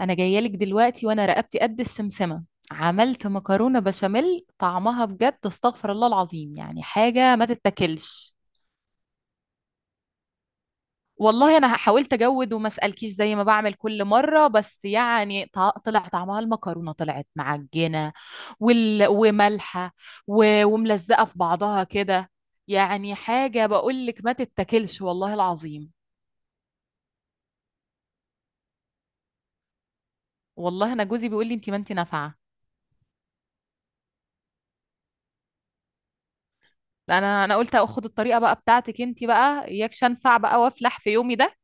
انا جايه لك دلوقتي وانا رقبتي قد السمسمه. عملت مكرونه بشاميل طعمها بجد استغفر الله العظيم، يعني حاجه ما تتاكلش. والله انا حاولت اجود وما اسالكيش زي ما بعمل كل مره، بس يعني طلع طعمها المكرونه طلعت معجنه ومالحه وملزقه في بعضها كده. يعني حاجه بقول لك ما تتاكلش والله العظيم. والله انا جوزي بيقول لي انت ما انت نافعه. انا قلت اخد الطريقه بقى بتاعتك انت بقى اياكش انفع بقى وافلح في يومي ده.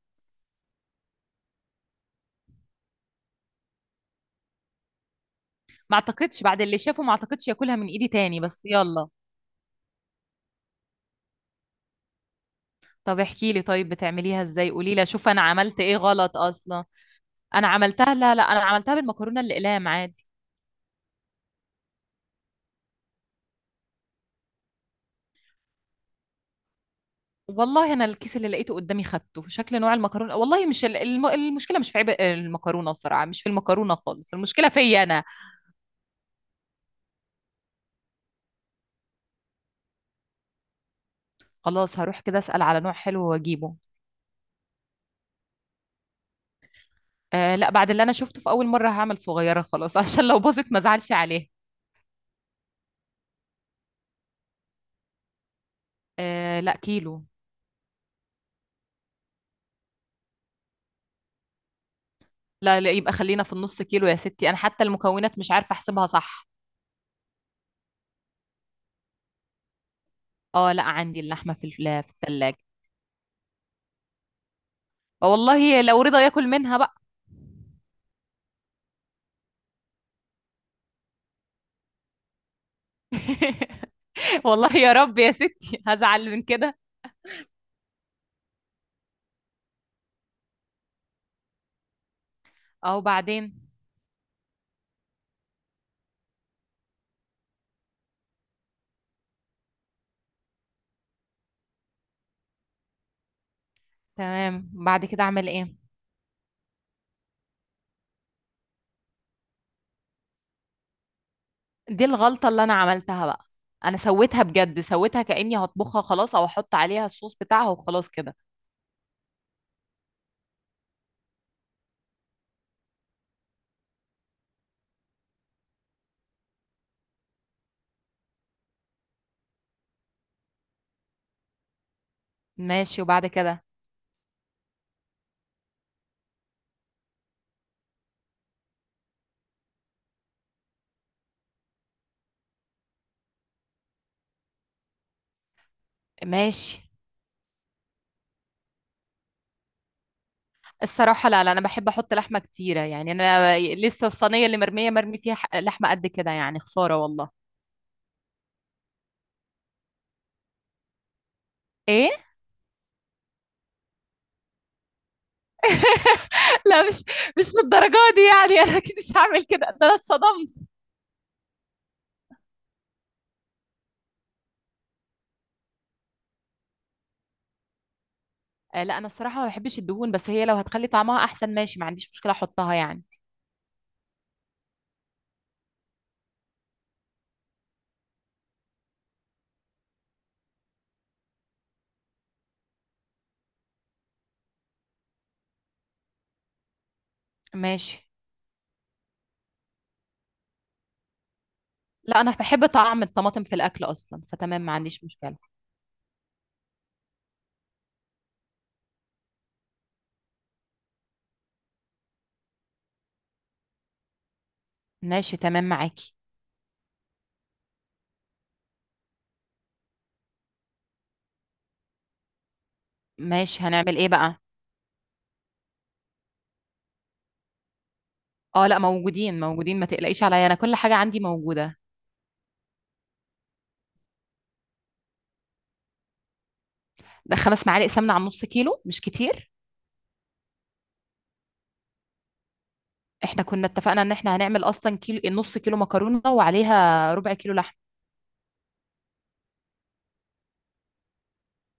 ما اعتقدش بعد اللي شافه، ما اعتقدش ياكلها من ايدي تاني، بس يلا. طب احكي لي طيب، بتعمليها ازاي؟ قولي لي اشوف انا عملت ايه غلط اصلا. انا عملتها، لا لا انا عملتها بالمكرونه الاقلام عادي. والله انا الكيس اللي لقيته قدامي خدته شكل نوع المكرونه، والله مش المشكله مش في عيب المكرونه، الصراحه مش في المكرونه خالص، المشكله فيا انا. خلاص هروح كده اسال على نوع حلو واجيبه. آه لا، بعد اللي انا شفته في اول مره هعمل صغيره خلاص عشان لو باظت ما ازعلش عليها. آه لا كيلو. لا لا، يبقى خلينا في النص كيلو يا ستي، انا حتى المكونات مش عارفه احسبها صح. اه لا عندي اللحمه في في الثلاجه. والله لو رضا ياكل منها بقى. والله يا رب يا ستي هزعل من كده. او بعدين. تمام، بعد كده اعمل ايه؟ دي الغلطه اللي انا عملتها بقى. انا سويتها بجد سويتها كاني هطبخها خلاص، او احط عليها الصوص بتاعها وخلاص كده. ماشي، وبعد كده؟ ماشي. الصراحة لا لا، أنا بحب أحط لحمة كتيرة يعني، أنا لسه الصينية اللي مرمية مرمي فيها لحمة قد كده يعني، خسارة والله. إيه؟ لا، مش للدرجة دي. يعني انا اكيد مش هعمل كده، ده انا اتصدمت. آه لا، أنا الصراحة ما بحبش الدهون، بس هي لو هتخلي طعمها أحسن ماشي، ما عنديش مشكلة أحطها يعني. ماشي. لا أنا بحب طعم الطماطم في الأكل أصلا، فتمام ما عنديش مشكلة. ماشي تمام معاكي. ماشي هنعمل إيه بقى؟ أه لا موجودين موجودين، ما تقلقيش عليا، أنا كل حاجة عندي موجودة. ده 5 معالق سمنة على نص كيلو مش كتير؟ احنا كنا اتفقنا ان احنا هنعمل اصلا كيلو، نص كيلو مكرونه وعليها ربع كيلو لحم.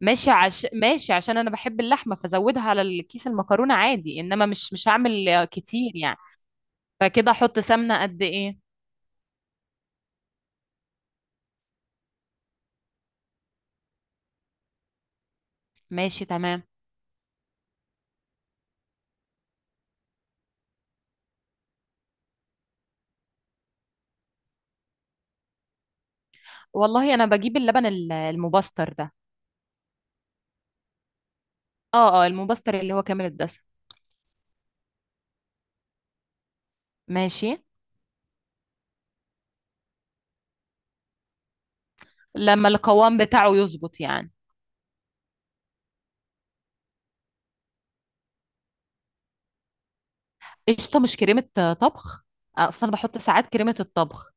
ماشي ماشي، عشان انا بحب اللحمه فزودها على الكيس المكرونه عادي، انما مش هعمل كتير يعني. فكده احط سمنه قد ايه؟ ماشي تمام. والله انا بجيب اللبن المبستر ده. اه اه، المبستر اللي هو كامل الدسم. ماشي. لما القوام بتاعه يظبط يعني. قشطه مش كريمه طبخ؟ اصلا بحط ساعات كريمه الطبخ.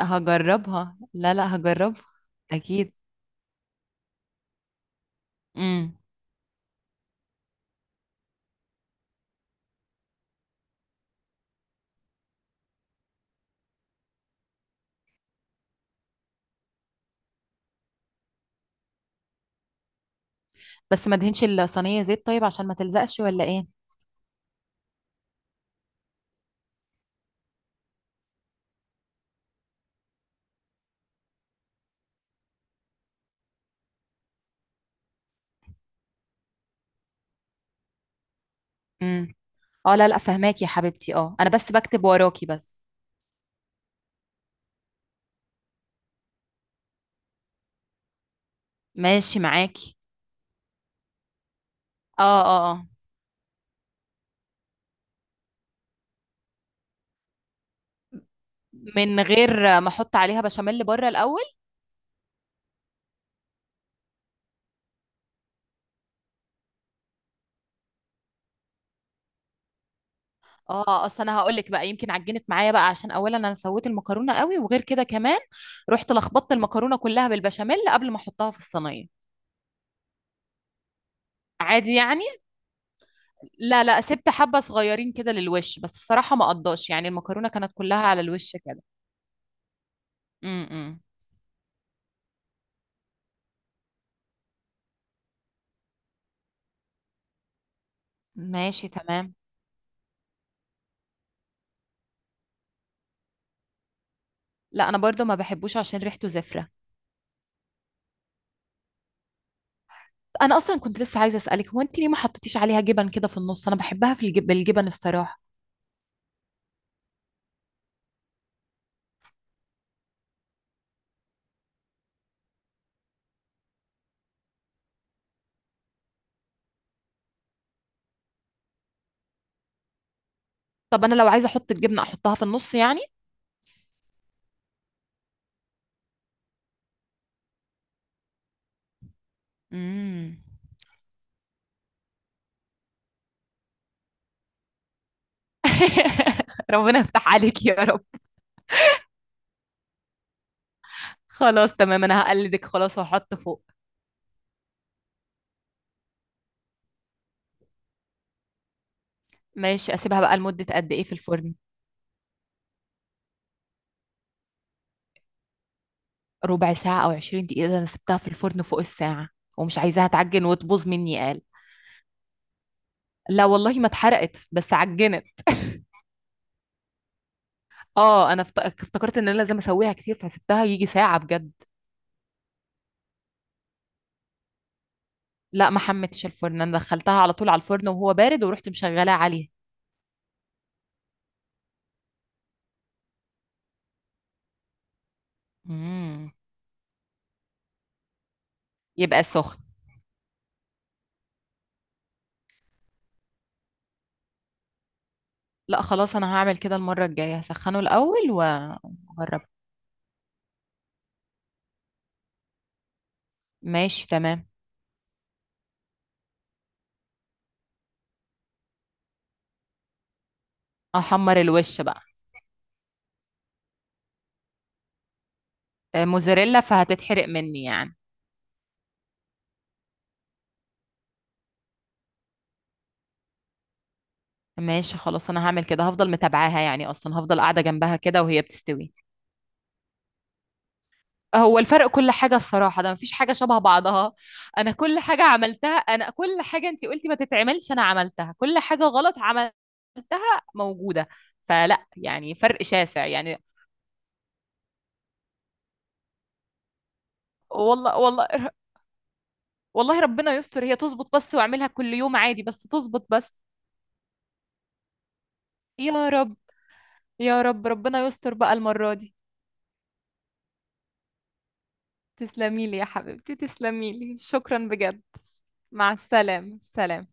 هجربها، لا لا هجربها. اكيد. امم. بس ما دهنش الصينية زيت طيب عشان ما تلزقش ولا ايه؟ امم. اه لا لا فهماكي يا حبيبتي، اه انا بس بكتب وراكي بس. ماشي معاكي. اه اه اه. من غير ما احط عليها بشاميل بره الاول؟ اه، اصل انا هقول لك بقى يمكن عجنت معايا بقى عشان اولا انا سويت المكرونه قوي، وغير كده كمان رحت لخبطت المكرونه كلها بالبشاميل قبل ما احطها في الصينيه. عادي يعني. لا لا سبت حبه صغيرين كده للوش، بس الصراحه ما قضاش يعني المكرونه كانت كلها على الوش كده. امم. ماشي تمام. لا انا برضه ما بحبوش عشان ريحته زفره. انا اصلا كنت لسه عايزه اسالك، هو انت ليه ما حطيتيش عليها جبن كده في النص؟ انا بحبها في بالجبن الصراحه. طب انا لو عايزه احط الجبنه احطها في النص يعني؟ امم. ربنا يفتح عليك يا رب. خلاص تمام، انا هقلدك خلاص واحط فوق. ماشي، اسيبها بقى لمده قد ايه في الفرن؟ ربع ساعه او 20 دقيقه؟ ده انا سبتها في الفرن فوق الساعه، ومش عايزاها تعجن وتبوظ مني قال. لا والله ما اتحرقت بس عجنت. اه انا افتكرت ان انا لازم اسويها كتير فسبتها يجي ساعه بجد. لأ ما حمّيتش الفرن، أنا دخّلتها على طول على الفرن وهو بارد ورُحت مشغّلاه عليه. إمم. يبقى سُخن. لأ خلاص أنا هاعمل كده المرّة الجاية، هاسخّنه الأول وأجرّبه. ماشي تمام. أحمّر الوِش بقى. موتزاريلا فهتتحرق منّي يعني. ماشي خلاص أنا هاعمل كده، هافضل متابعاها يعني أصلًا، هافضل قاعدة جنبها كده وهي بتستوي. هو الفرق كل حاجة الصراحة، ده مفيش حاجة شبه بعضها. أنا كل حاجة عملتها، أنا كل حاجة أنتي قلتي ما تتعملش أنا عملتها، كل حاجة غلط عملتها موجودة، فلا يعني فرق شاسع يعني. والله والله. والله ربنا يستر هي تظبط بس وأعملها كل يوم عادي، بس تظبط بس. يا رب. يا رب ربنا يستر بقى المرة دي. تسلميلي يا حبيبتي تسلميلي، شكرا بجد. مع السلامة سلام.